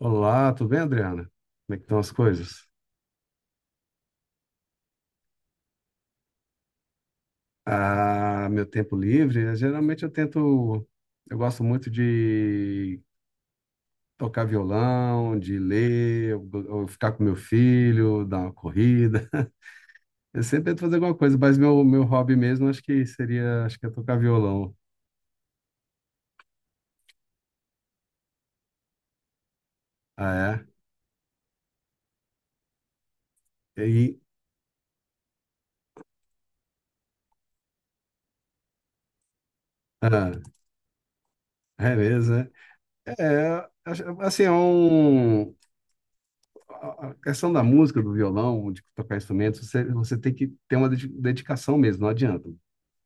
Olá, tudo bem, Adriana? Como é que estão as coisas? Ah, meu tempo livre, geralmente eu gosto muito de tocar violão, de ler, eu ficar com meu filho, dar uma corrida. Eu sempre tento fazer alguma coisa, mas meu hobby mesmo acho que seria, acho que é tocar violão. Ah, é? E, ah, é mesmo, né? É, assim, a questão da música, do violão, de tocar instrumentos, você tem que ter uma dedicação mesmo, não adianta.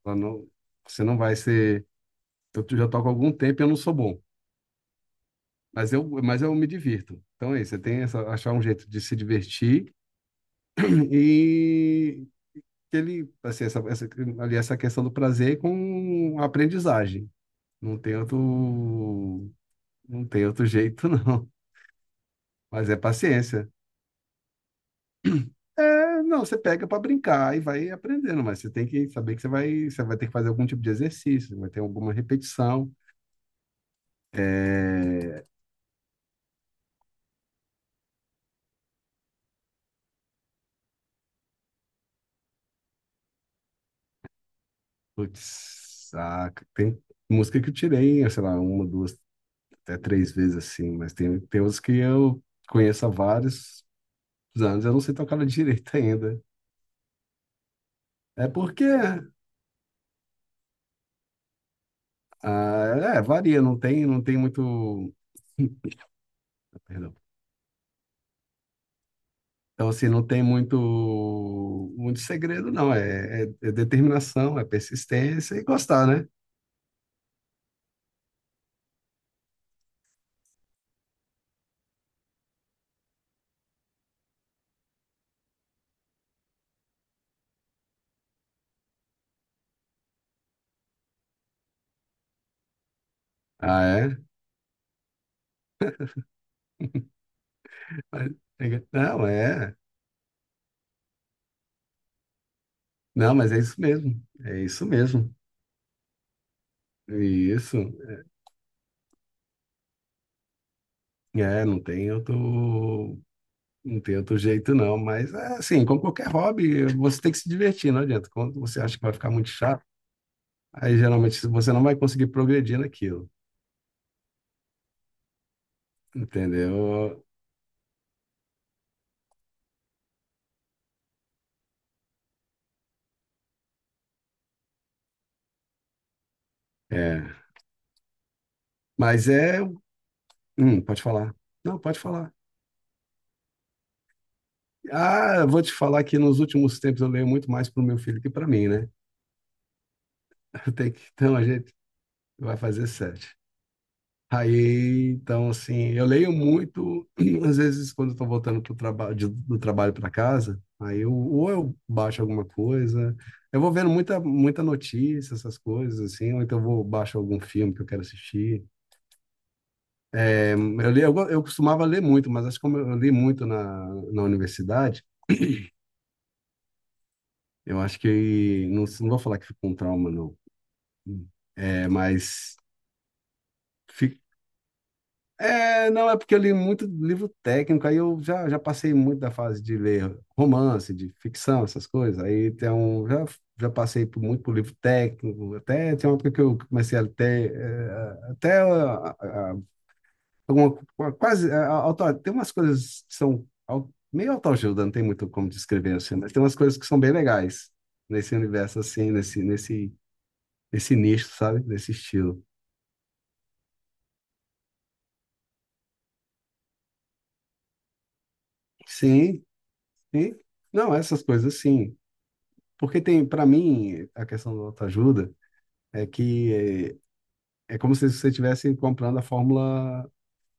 Ela não- Você não vai ser. Eu já toco há algum tempo e eu não sou bom, mas mas eu me divirto. Então é isso, você tem achar um jeito de se divertir e que ele, assim, essa, ali essa questão do prazer com a aprendizagem. Não tem outro, não tem outro jeito, não. Mas é paciência. Não, você pega para brincar e vai aprendendo, mas você tem que saber que você vai ter que fazer algum tipo de exercício, vai ter alguma repetição. É... Putz, ah, tem música que eu tirei, sei lá, uma, duas, até três vezes assim, mas tem outras que eu conheço há vários anos, eu não sei tocar ela direito ainda. É porque, ah, é, varia, não tem muito, perdão. Então, assim, não tem muito, muito segredo, não. É, é determinação, é persistência e gostar, né? Ah, é? Mas- Não, é. Não, mas é isso mesmo. É isso mesmo. Isso. É, não tem outro, não tem outro jeito, não. Mas, é assim, como qualquer hobby, você tem que se divertir, não adianta. Quando você acha que vai ficar muito chato, aí geralmente você não vai conseguir progredir naquilo. Entendeu? É. Mas é. Pode falar. Não, pode falar. Ah, eu vou te falar que nos últimos tempos eu leio muito mais para o meu filho que para mim, né? Então a gente vai fazer sete. Aí, então, assim, eu leio muito, às vezes, quando eu tô voltando pro do trabalho para casa, aí eu, ou eu baixo alguma coisa, eu vou vendo muita, muita notícia, essas coisas, assim, ou então eu vou baixo algum filme que eu quero assistir. É, eu li, eu costumava ler muito, mas acho que como eu li muito na universidade, eu acho que, não, não vou falar que ficou um trauma, não, mas fi- é, não, é porque eu li muito livro técnico, aí eu já passei muito da fase de ler romance, de ficção, essas coisas. Aí já passei por, muito por livro técnico, até tem uma época que eu comecei a ter, alguma, tem umas coisas que são meio autoajuda, não tem muito como descrever assim, mas tem umas coisas que são bem legais nesse universo assim, nesse nicho, sabe? Nesse estilo. Sim, sim. Não, essas coisas sim. Porque tem, para mim, a questão da autoajuda é que é, é como se você estivesse comprando a fórmula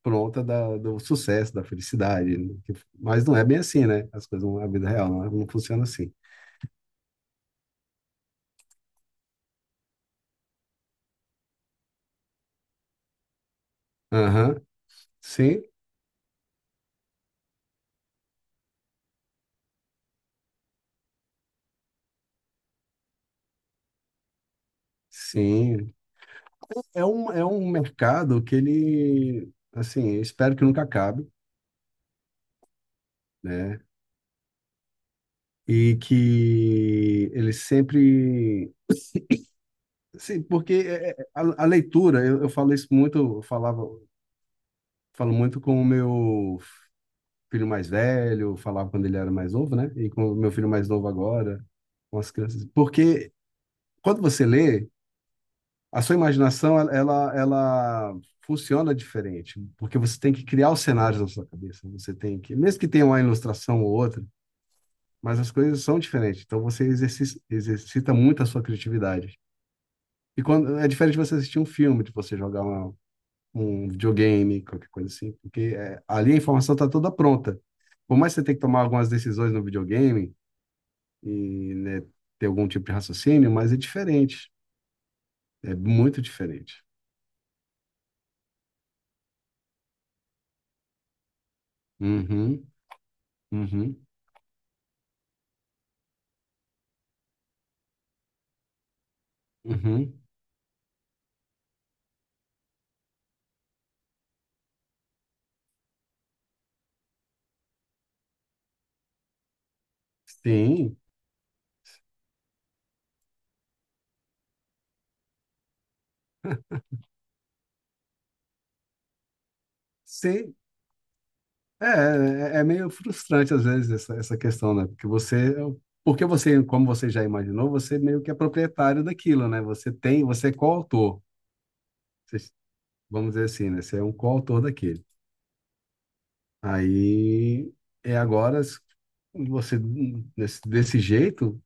pronta do sucesso, da felicidade, né? Mas não é bem assim, né? As coisas, a vida real não, não funciona assim. Aham, sim, sim. É um mercado que ele, assim, eu espero que nunca acabe, né? E que ele sempre. Sim, porque a leitura, eu falo isso muito, eu falava, falo muito com o meu filho mais velho, falava quando ele era mais novo, né? E com o meu filho mais novo agora, com as crianças. Porque quando você lê, a sua imaginação, ela funciona diferente, porque você tem que criar os cenários na sua cabeça. Você tem que, mesmo que tenha uma ilustração ou outra, mas as coisas são diferentes. Então você exercita muito a sua criatividade. E quando é diferente de você assistir um filme, de você jogar um videogame, qualquer coisa assim, porque é, ali a informação está toda pronta. Por mais que você tenha que tomar algumas decisões no videogame, e né, ter algum tipo de raciocínio, mas é diferente. É muito diferente. Uhum, uhum, uhum. Sim, sim. É, é meio frustrante às vezes essa, essa questão, né? Porque você, como você já imaginou, você meio que é proprietário daquilo, né? Você tem, você é coautor. Você- Vamos dizer assim, né? Você é um coautor daquilo. Aí é agora s- Você desse jeito,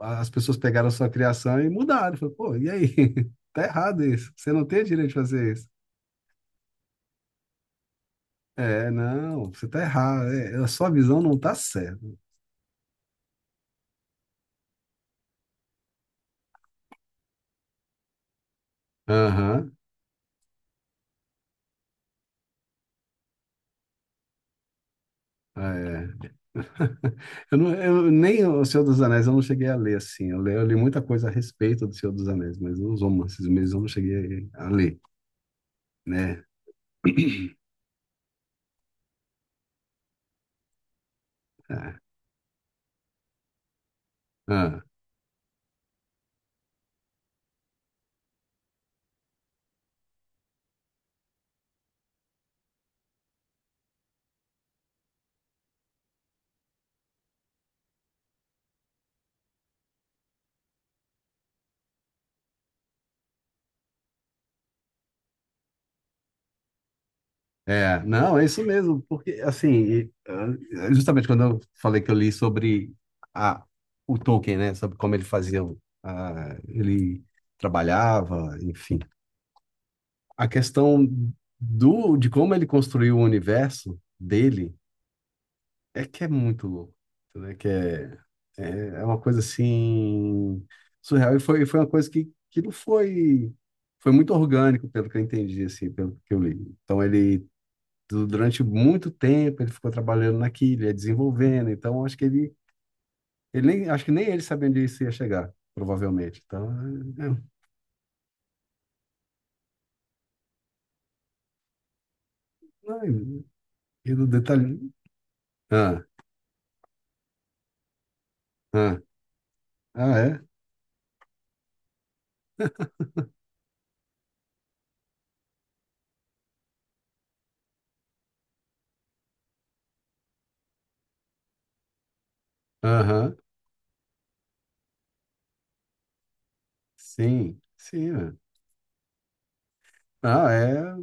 as pessoas pegaram a sua criação e mudaram. Falei, pô, e aí? Tá errado isso. Você não tem direito de fazer isso. É, não, você tá errado. É, a sua visão não tá certa. Aham. É. Eu, não, eu nem o Senhor dos Anéis eu não cheguei a ler assim. Eu li muita coisa a respeito do Senhor dos Anéis, mas os romances mesmo eu não cheguei a ler, né? Ah, ah. É, não, é isso mesmo, porque assim, justamente quando eu falei que eu li sobre a, o Tolkien, né, sobre como ele fazia, ele trabalhava, enfim, a questão do de como ele construiu o universo dele é que é muito louco, né, é, é uma coisa assim surreal e foi, foi uma coisa que não foi foi muito orgânico pelo que eu entendi, assim, pelo que eu li. Então durante muito tempo ele ficou trabalhando naquilo, ia desenvolvendo, então acho que ele nem, acho que nem ele sabia onde isso ia chegar, provavelmente. Então, é, é, é, e no detalhe. Ah, ah, ah, é? Aham, sim, sim, é. Ah, é,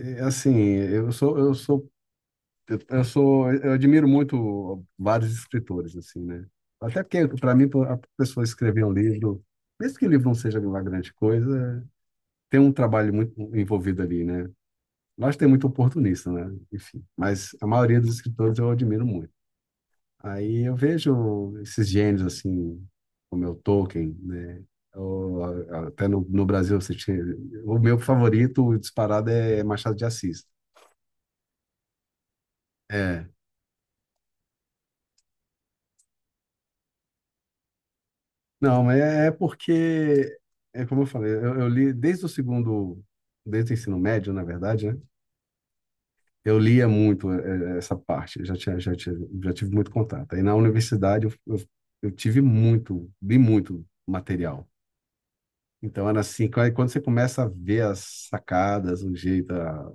é assim, eu sou, eu admiro muito vários escritores, assim, né? Até porque, para mim, a pessoa escrever um livro, mesmo que o livro não seja uma grande coisa, tem um trabalho muito envolvido ali, né? Nós tem muito oportunista, né? Enfim, mas a maioria dos escritores eu admiro muito. Aí eu vejo esses gênios, assim, como é o Tolkien, né? Ou, até no Brasil, você tinha... o meu favorito disparado é Machado de Assis. É. Não, mas é porque, é como eu falei, eu li desde o ensino médio, na verdade, né? Eu lia muito essa parte, eu já tinha, já tinha, já tive muito contato. Aí na universidade eu tive muito, li muito material. Então era assim, quando você começa a ver as sacadas,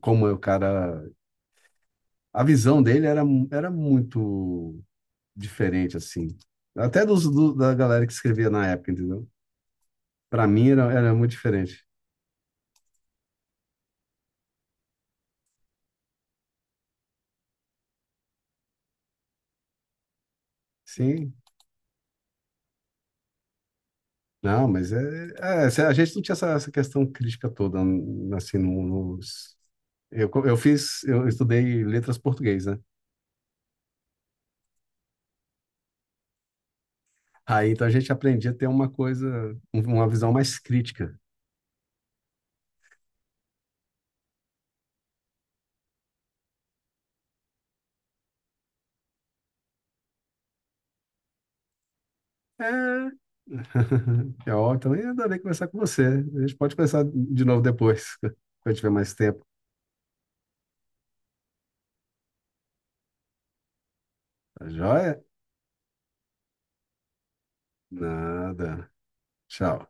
como é o cara, a visão dele era muito diferente assim, até da galera que escrevia na época, entendeu? Para mim era, era muito diferente. Sim, não, mas se a gente não tinha essa, essa questão crítica toda, Eu, eu fiz, eu estudei letras português, né? Aí, então, a gente aprendia a ter uma coisa, uma visão mais crítica. É... É ó, também adorei conversar com você. A gente pode conversar de novo depois, quando eu tiver mais tempo. Tá joia? Nada. Tchau.